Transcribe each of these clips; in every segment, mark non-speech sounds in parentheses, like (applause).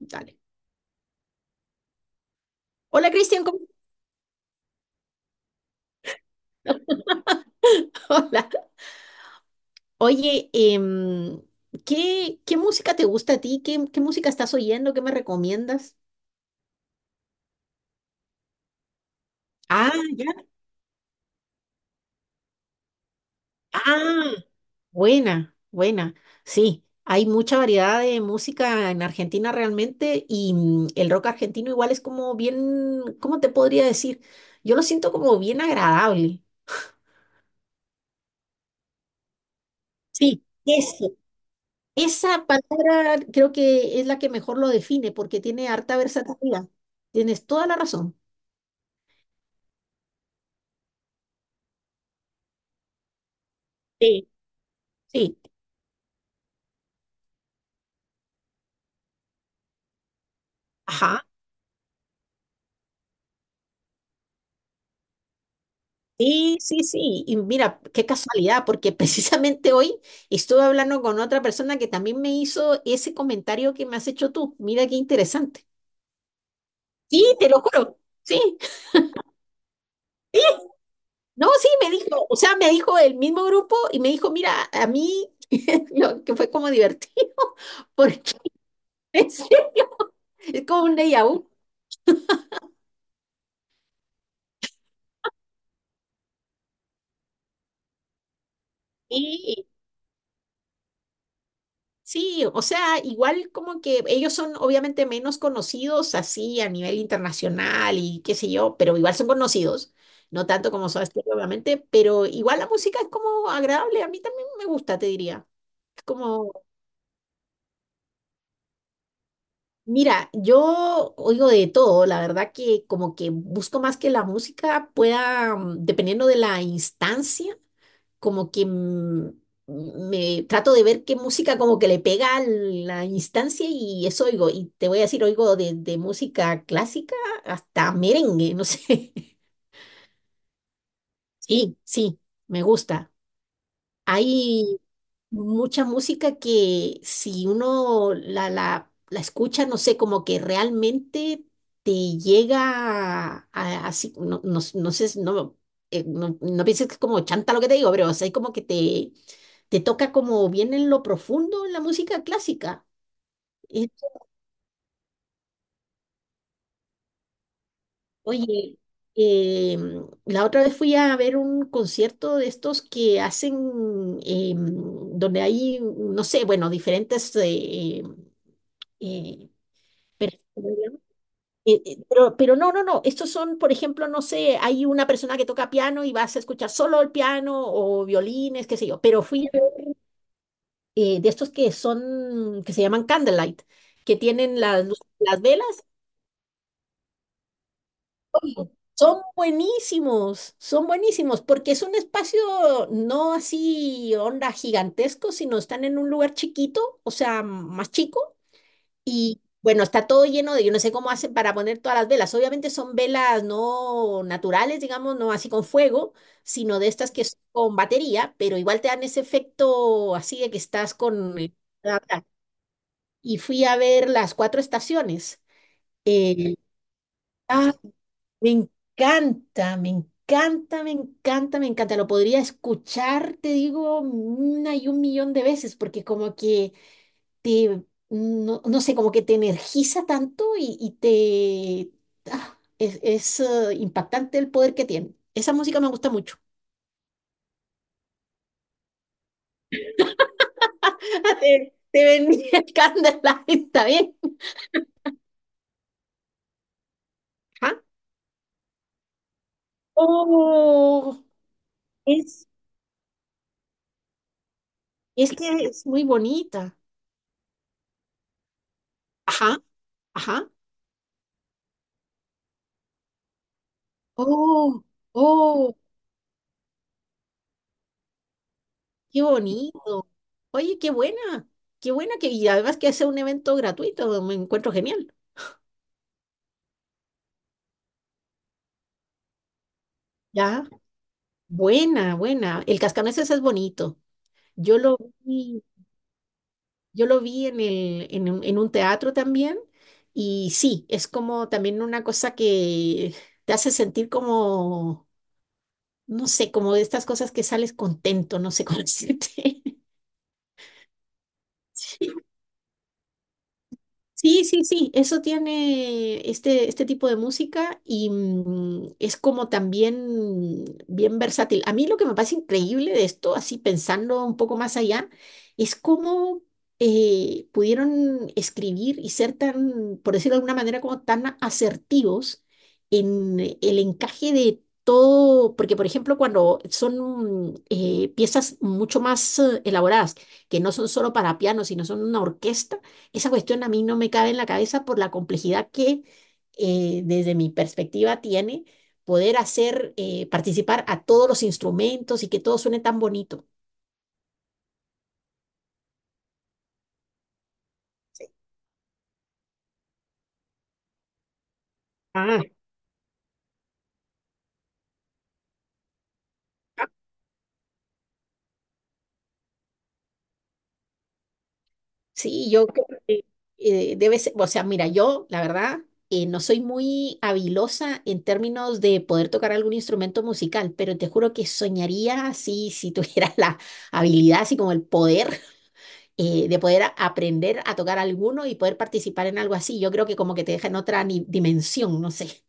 Dale. Hola, Cristian. (laughs) Hola. Oye, ¿qué música te gusta a ti? ¿Qué música estás oyendo? ¿Qué me recomiendas? Ah, ya. Ah, buena, buena. Sí, hay mucha variedad de música en Argentina realmente y el rock argentino igual es como bien, ¿cómo te podría decir? Yo lo siento como bien agradable. Sí, eso. Esa palabra creo que es la que mejor lo define porque tiene harta versatilidad. Tienes toda la razón. Sí, sí, ajá, sí, sí, sí. Y mira, qué casualidad, porque (laughs) precisamente hoy estuve hablando con otra persona que también me hizo ese comentario que me has hecho tú. Mira qué interesante. Sí, te lo juro. Sí, no, sí, me dijo, o sea, me dijo el mismo grupo y me dijo, mira, a mí, (laughs) lo que fue como divertido, (laughs) porque (laughs) es, como un déjà vu. Sí, sí, o sea, igual como que ellos son obviamente menos conocidos así a nivel internacional y qué sé yo, pero igual son conocidos, no tanto como Soda Stereo, obviamente, pero igual la música es como agradable, a mí también me gusta, te diría. Es como, mira, yo oigo de todo, la verdad que como que busco más que la música pueda, dependiendo de la instancia como que me trato de ver qué música como que le pega a la instancia y eso oigo. Y te voy a decir, oigo de música clásica hasta merengue, no sé. (laughs) Sí, sí, me gusta. Hay mucha música que si uno la escucha, no sé, como que realmente te llega a, así, no, no, no sé, no, no, no pienses que es como chanta lo que te digo, pero o sea, es como que te toca como bien en lo profundo en la música clásica. Es- oye, la otra vez fui a ver un concierto de estos que hacen, em, donde hay, no sé, bueno, diferentes... eh, Mira. Pero no, no, no. Estos son, por ejemplo, no sé, hay una persona que toca piano y vas a escuchar solo el piano o violines, qué sé yo. Pero fui a ver, de estos que son, que se llaman candlelight, que tienen las, las velas. Y son buenísimos, son buenísimos, porque es un espacio no así onda gigantesco, sino están en un lugar chiquito, o sea, más chico. Y bueno, está todo lleno de, yo no sé cómo hacen para poner todas las velas. Obviamente son velas no naturales, digamos, no así con fuego, sino de estas que son con batería, pero igual te dan ese efecto así de que estás con... el- Y fui a ver las cuatro estaciones. Eh, ah, me encanta, me encanta, me encanta, me encanta. Lo podría escuchar, te digo, una y un millón de veces, porque como que te, no, no sé, como que te energiza tanto y te... ah, impactante el poder que tiene. Esa música me gusta mucho. (laughs) Te venía el Candlelight, está bien. Ajá. Oh, es, es que es muy bonita. Ajá, ajá. Oh, oh, qué bonito. Oye, qué buena que y además que hace un evento gratuito, me encuentro genial. Ya, buena, buena. El cascanueces es bonito. Yo lo vi, yo lo vi en el, en un teatro también y sí, es como también una cosa que te hace sentir como, no sé, como de estas cosas que sales contento, no sé cómo decirte. (laughs) Sí, sí, sí, eso tiene este, este tipo de música y es como también bien versátil. A mí lo que me parece increíble de esto, así pensando un poco más allá, es cómo pudieron escribir y ser tan, por decirlo de alguna manera, como tan asertivos en el encaje de todo, porque por ejemplo cuando son piezas mucho más elaboradas, que no son solo para piano, sino son una orquesta. Esa cuestión a mí no me cabe en la cabeza por la complejidad que desde mi perspectiva tiene poder hacer participar a todos los instrumentos y que todo suene tan bonito. Ah, sí, yo creo que debe ser, o sea, mira, yo la verdad no soy muy habilosa en términos de poder tocar algún instrumento musical, pero te juro que soñaría así si tuviera (laughs) la habilidad, así como el poder de poder aprender a tocar alguno y poder participar en algo así. Yo creo que como que te deja en otra dimensión, no sé.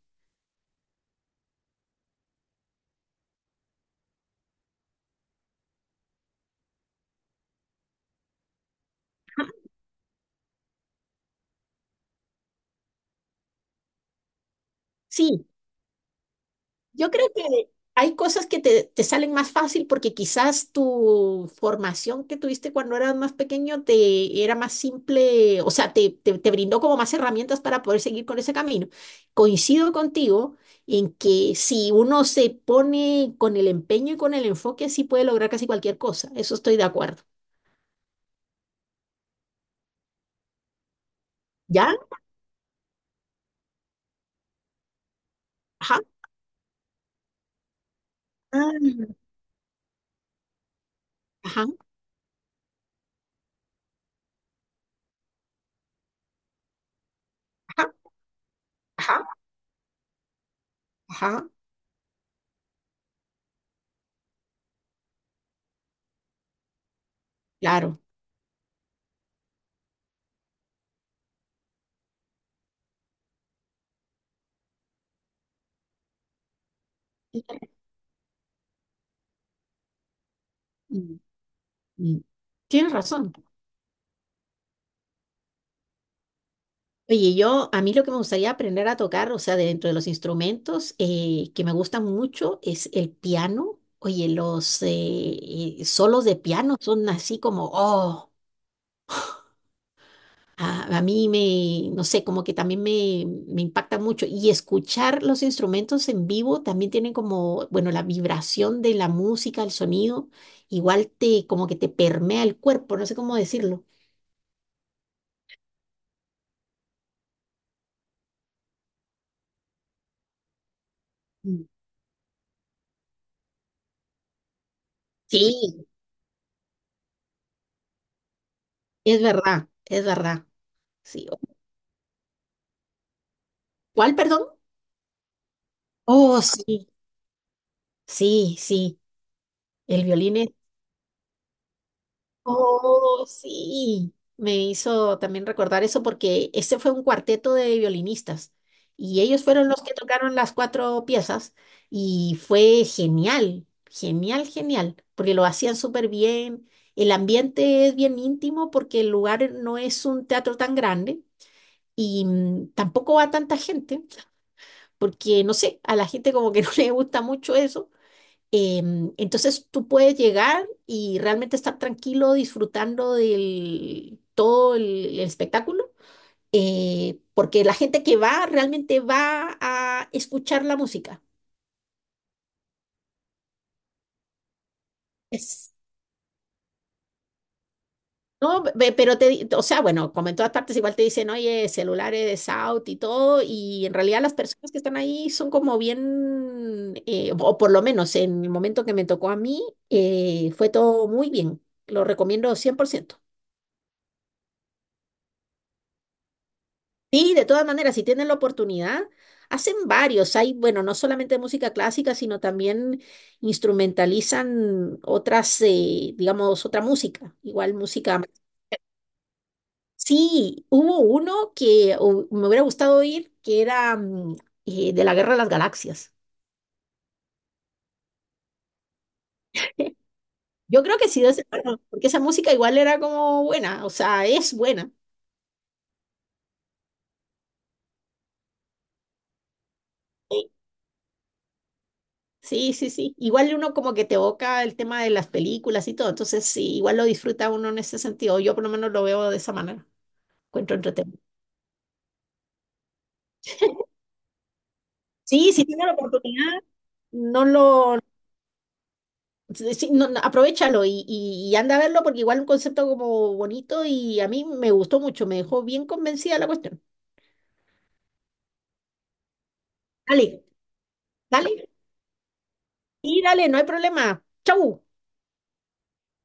Sí, yo creo que hay cosas que te salen más fácil porque quizás tu formación que tuviste cuando eras más pequeño te era más simple, o sea, te brindó como más herramientas para poder seguir con ese camino. Coincido contigo en que si uno se pone con el empeño y con el enfoque, sí puede lograr casi cualquier cosa. Eso estoy de acuerdo. ¿Ya? Ajá. Ah, ajá. Ajá, ajá, ajá, claro. Mm, mm. Tienes razón. Oye, yo, a mí lo que me gustaría aprender a tocar, o sea, dentro de los instrumentos que me gustan mucho es el piano. Oye, los solos de piano son así como, oh, a mí me, no sé, como que también me impacta mucho. Y escuchar los instrumentos en vivo también tienen como, bueno, la vibración de la música, el sonido, igual te, como que te permea el cuerpo, no sé cómo decirlo. Mm. Sí, es verdad, es verdad. Sí. ¿Cuál, perdón? Oh, sí, sí, sí. El violín es. Oh, sí. Me hizo también recordar eso porque ese fue un cuarteto de violinistas y ellos fueron los que tocaron las cuatro piezas y fue genial, genial, genial, porque lo hacían súper bien. El ambiente es bien íntimo porque el lugar no es un teatro tan grande y tampoco va tanta gente, porque no sé, a la gente como que (laughs) no le gusta mucho eso. Entonces tú puedes llegar y realmente estar tranquilo disfrutando del todo el espectáculo, porque la gente que va realmente va a escuchar la música. Es no, pero te, o sea, bueno, como en todas partes igual te dicen, oye, celulares de South y todo, y en realidad las personas que están ahí son como bien, o por lo menos en el momento que me tocó a mí, fue todo muy bien. Lo recomiendo cien por ciento. Sí, de todas maneras, si tienen la oportunidad, hacen varios. Hay, bueno, no solamente música clásica, sino también instrumentalizan otras, digamos, otra música, igual música. Sí, hubo uno que me hubiera gustado ir, que era de la Guerra de las Galaxias. (laughs) Yo creo que sí, debe ser bueno, porque esa música igual era como buena, o sea, es buena. Sí, sí, sí, sí. Igual uno como que te evoca el tema de las películas y todo, entonces sí, igual lo disfruta uno en ese sentido. Yo por lo menos lo veo de esa manera, encuentro entretenido. Sí, si tiene la oportunidad, no lo, sí, sí, no, no, aprovechalo y anda a verlo porque igual un concepto como bonito y a mí me gustó mucho, me dejó bien convencida la cuestión. Dale, dale, y dale, no hay problema. Chau.